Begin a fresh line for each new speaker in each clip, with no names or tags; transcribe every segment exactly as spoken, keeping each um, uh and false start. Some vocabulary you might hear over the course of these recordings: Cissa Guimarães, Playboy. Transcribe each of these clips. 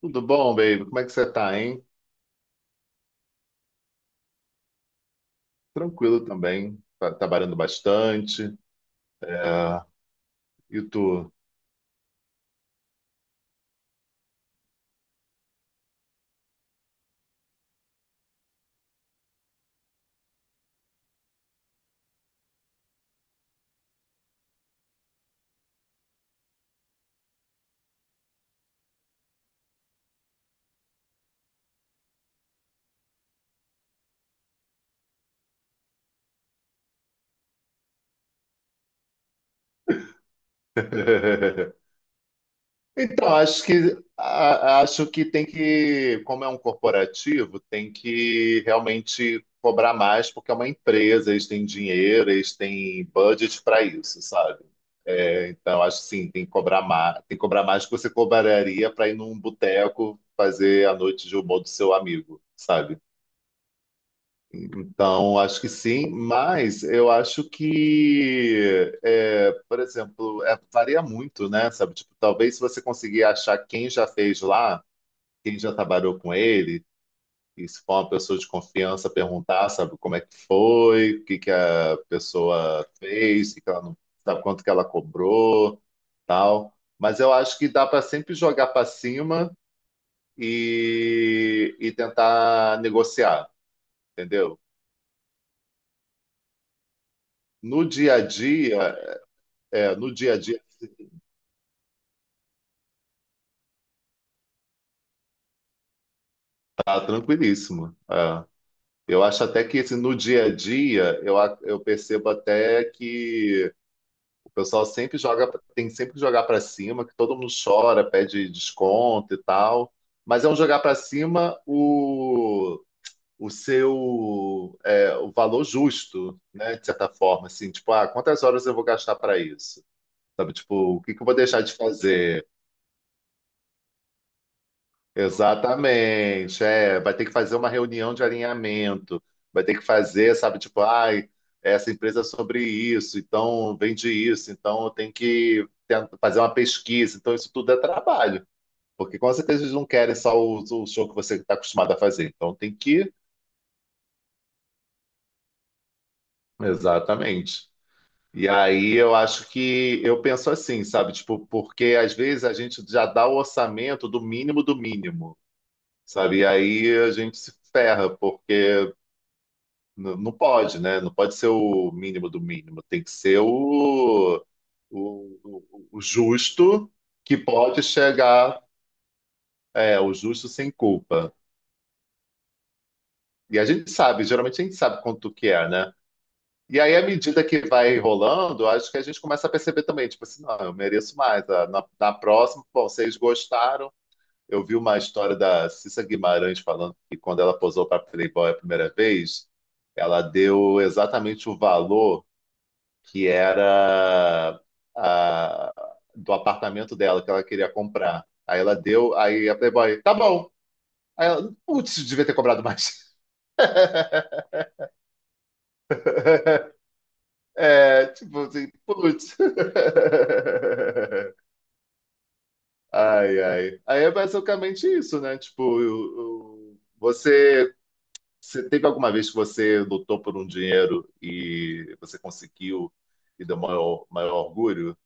Tudo bom, baby? Como é que você tá, hein? Tranquilo também. Tá trabalhando bastante. É, e tu? Então, acho que a- acho que tem que, como é um corporativo, tem que realmente cobrar mais, porque é uma empresa, eles têm dinheiro, eles têm budget para isso, sabe? É, então, acho que sim, tem que cobrar mais, tem que cobrar mais do que você cobraria para ir num boteco fazer a noite de humor do seu amigo, sabe? Então, acho que sim, mas eu acho que, é, por exemplo, é, varia muito, né? Sabe? Tipo, talvez se você conseguir achar quem já fez lá, quem já trabalhou com ele, e se for uma pessoa de confiança, perguntar, sabe, como é que foi, o que que a pessoa fez, o que que ela não, sabe, quanto que ela cobrou, tal. Mas eu acho que dá para sempre jogar para cima e, e tentar negociar, entendeu? No dia a dia, é, no dia a dia tá tranquilíssimo. É. Eu acho até que assim, no dia a dia eu, a- eu percebo até que o pessoal sempre joga, tem sempre que jogar para cima, que todo mundo chora, pede desconto e tal. Mas é um jogar para cima o, o seu é, o valor justo, né? De certa forma, assim, tipo, ah, quantas horas eu vou gastar para isso? Sabe, tipo, o que que eu vou deixar de fazer? Exatamente, é, vai ter que fazer uma reunião de alinhamento, vai ter que fazer, sabe, tipo, ai, essa empresa é sobre isso, então vende isso, então eu tenho que ten- fazer uma pesquisa, então isso tudo é trabalho, porque com certeza eles não querem só o, o show que você está acostumado a fazer, então tem que, exatamente. E aí eu acho que eu penso assim, sabe, tipo, porque às vezes a gente já dá o orçamento do mínimo do mínimo, sabe, e aí a gente se ferra, porque não, não pode, né? Não pode ser o mínimo do mínimo. Tem que ser o, o, o- o justo que pode chegar, é, o justo sem culpa. E a gente sabe, geralmente a gente sabe quanto que é, né? E aí, à medida que vai rolando, acho que a gente começa a perceber também, tipo assim, não, eu mereço mais. Ah, na, na próxima, bom, vocês gostaram. Eu vi uma história da Cissa Guimarães falando que quando ela posou para Playboy a primeira vez, ela deu exatamente o valor que era a- do apartamento dela que ela queria comprar. Aí ela deu, aí a Playboy, tá bom. Aí ela, putz, devia ter cobrado mais. É, tipo assim, putz. Ai, ai. Aí é basicamente isso, né? Tipo, o- o- você, você teve alguma vez que você lutou por um dinheiro e você conseguiu e deu maior, maior orgulho?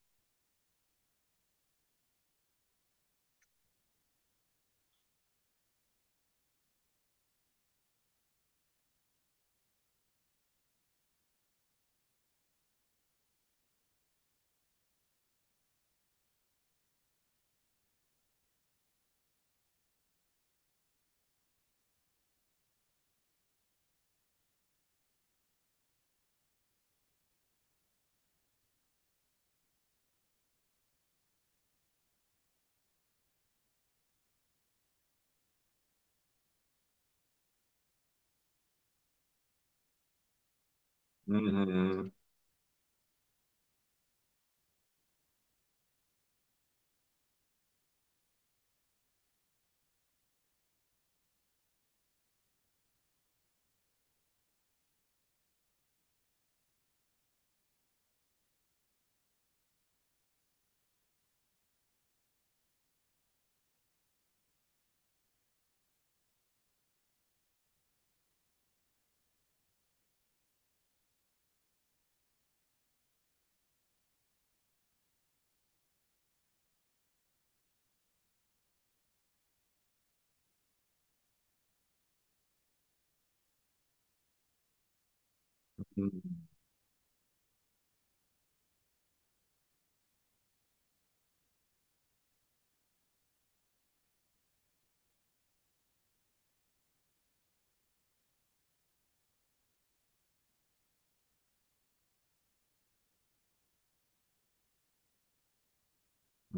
Uhum.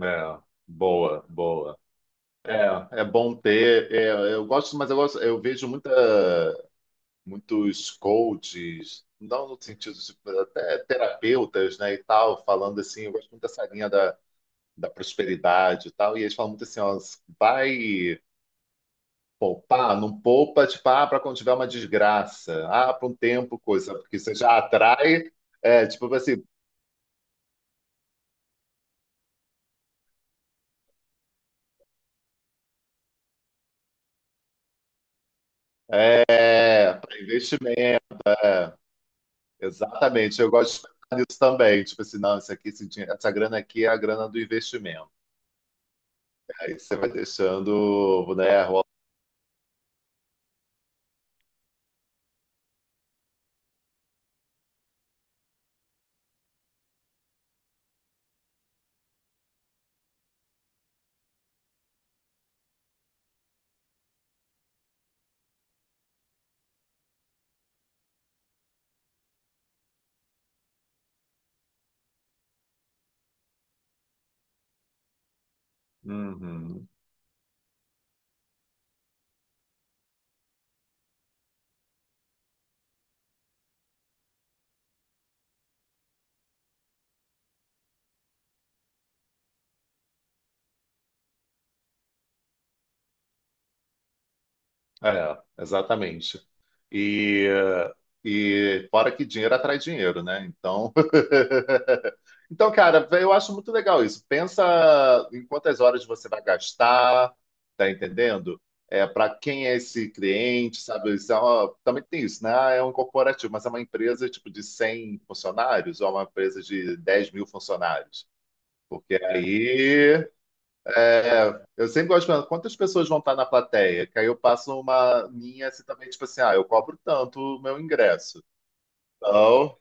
É, boa, boa. É, é bom ter. É, eu gosto, mas eu gosto, eu vejo muita, muitos coaches, não no sentido, tipo, até terapeutas, né, e tal, falando assim, eu gosto muito dessa linha da, da prosperidade e tal, e eles falam muito assim, ó, vai poupar, não poupa, tipo, ah, para quando tiver uma desgraça, ah, para um tempo, coisa, porque você já atrai, é, tipo assim, é, para investimento. É. Exatamente, eu gosto de pensar nisso também. Tipo assim, não, isso aqui, esse dinhe- essa grana aqui é a grana do investimento. Aí você vai deixando, né, rolar. Uhum. É, exatamente. E, e fora que dinheiro atrai dinheiro, né? Então, então, cara, eu acho muito legal isso. Pensa em quantas horas você vai gastar, tá entendendo? É, para quem é esse cliente, sabe? Isso é uma- também tem isso, né? Ah, é um corporativo, mas é uma empresa tipo de cem funcionários ou é uma empresa de dez mil funcionários. Porque aí é, eu sempre gosto de perguntar quantas pessoas vão estar na plateia, que aí eu passo uma linha assim também, tipo assim, ah, eu cobro tanto o meu ingresso. Então,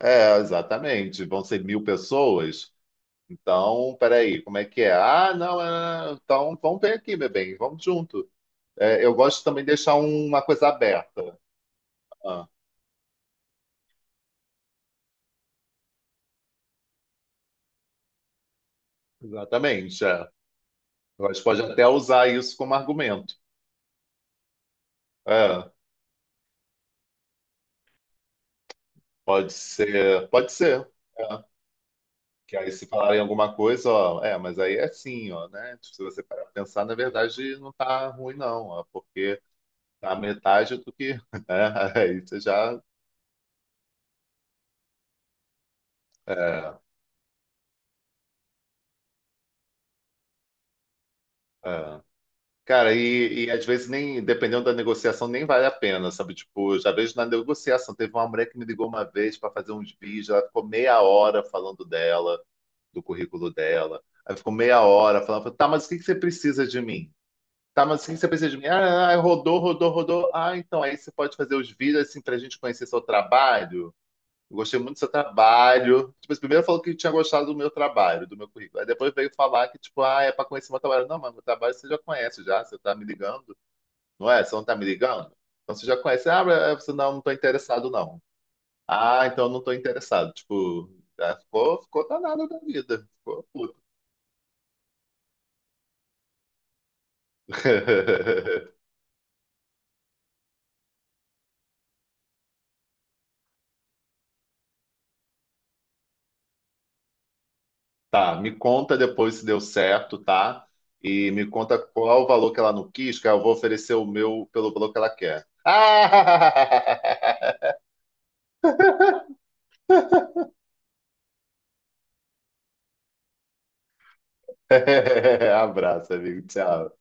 é, exatamente, vão ser mil pessoas. Então, peraí, como é que é? Ah, não, é, então vamos ver aqui, meu bem, vamos junto. É, eu gosto também de deixar um- uma coisa aberta. Ah, exatamente. É. Eu acho que pode até usar isso como argumento. É, pode ser, pode ser. É. Que aí se falarem alguma coisa, ó, é, mas aí é assim, ó, né? Tipo, se você parar pra pensar, na verdade não tá ruim, não, ó, porque tá a metade do que, né? Aí você já. É, é. Cara, e, e às vezes nem, dependendo da negociação, nem vale a pena, sabe? Tipo, eu já vejo na negociação. Teve uma mulher que me ligou uma vez para fazer uns vídeos, ela ficou meia hora falando dela, do currículo dela. Aí ficou meia hora falando, tá, mas o que que você precisa de mim? Tá, mas o que que você precisa de mim? Ah, ah, rodou, rodou, rodou. Ah, então aí você pode fazer os vídeos assim pra gente conhecer seu trabalho. Eu gostei muito do seu trabalho. Tipo, assim, primeiro falou que tinha gostado do meu trabalho, do meu currículo. Aí depois veio falar que, tipo, ah, é pra conhecer meu trabalho. Não, mas meu trabalho você já conhece já, você tá me ligando. Não é? Você não tá me ligando? Então você já conhece. Ah, mas você não, não tô interessado, não. Ah, então eu não tô interessado. Tipo, ah, ficou, ficou danado da vida. Ficou puto. Tá, me conta depois se deu certo, tá? E me conta qual o valor que ela não quis, que eu vou oferecer o meu pelo valor que ela quer. Ah! Abraço, amigo. Tchau.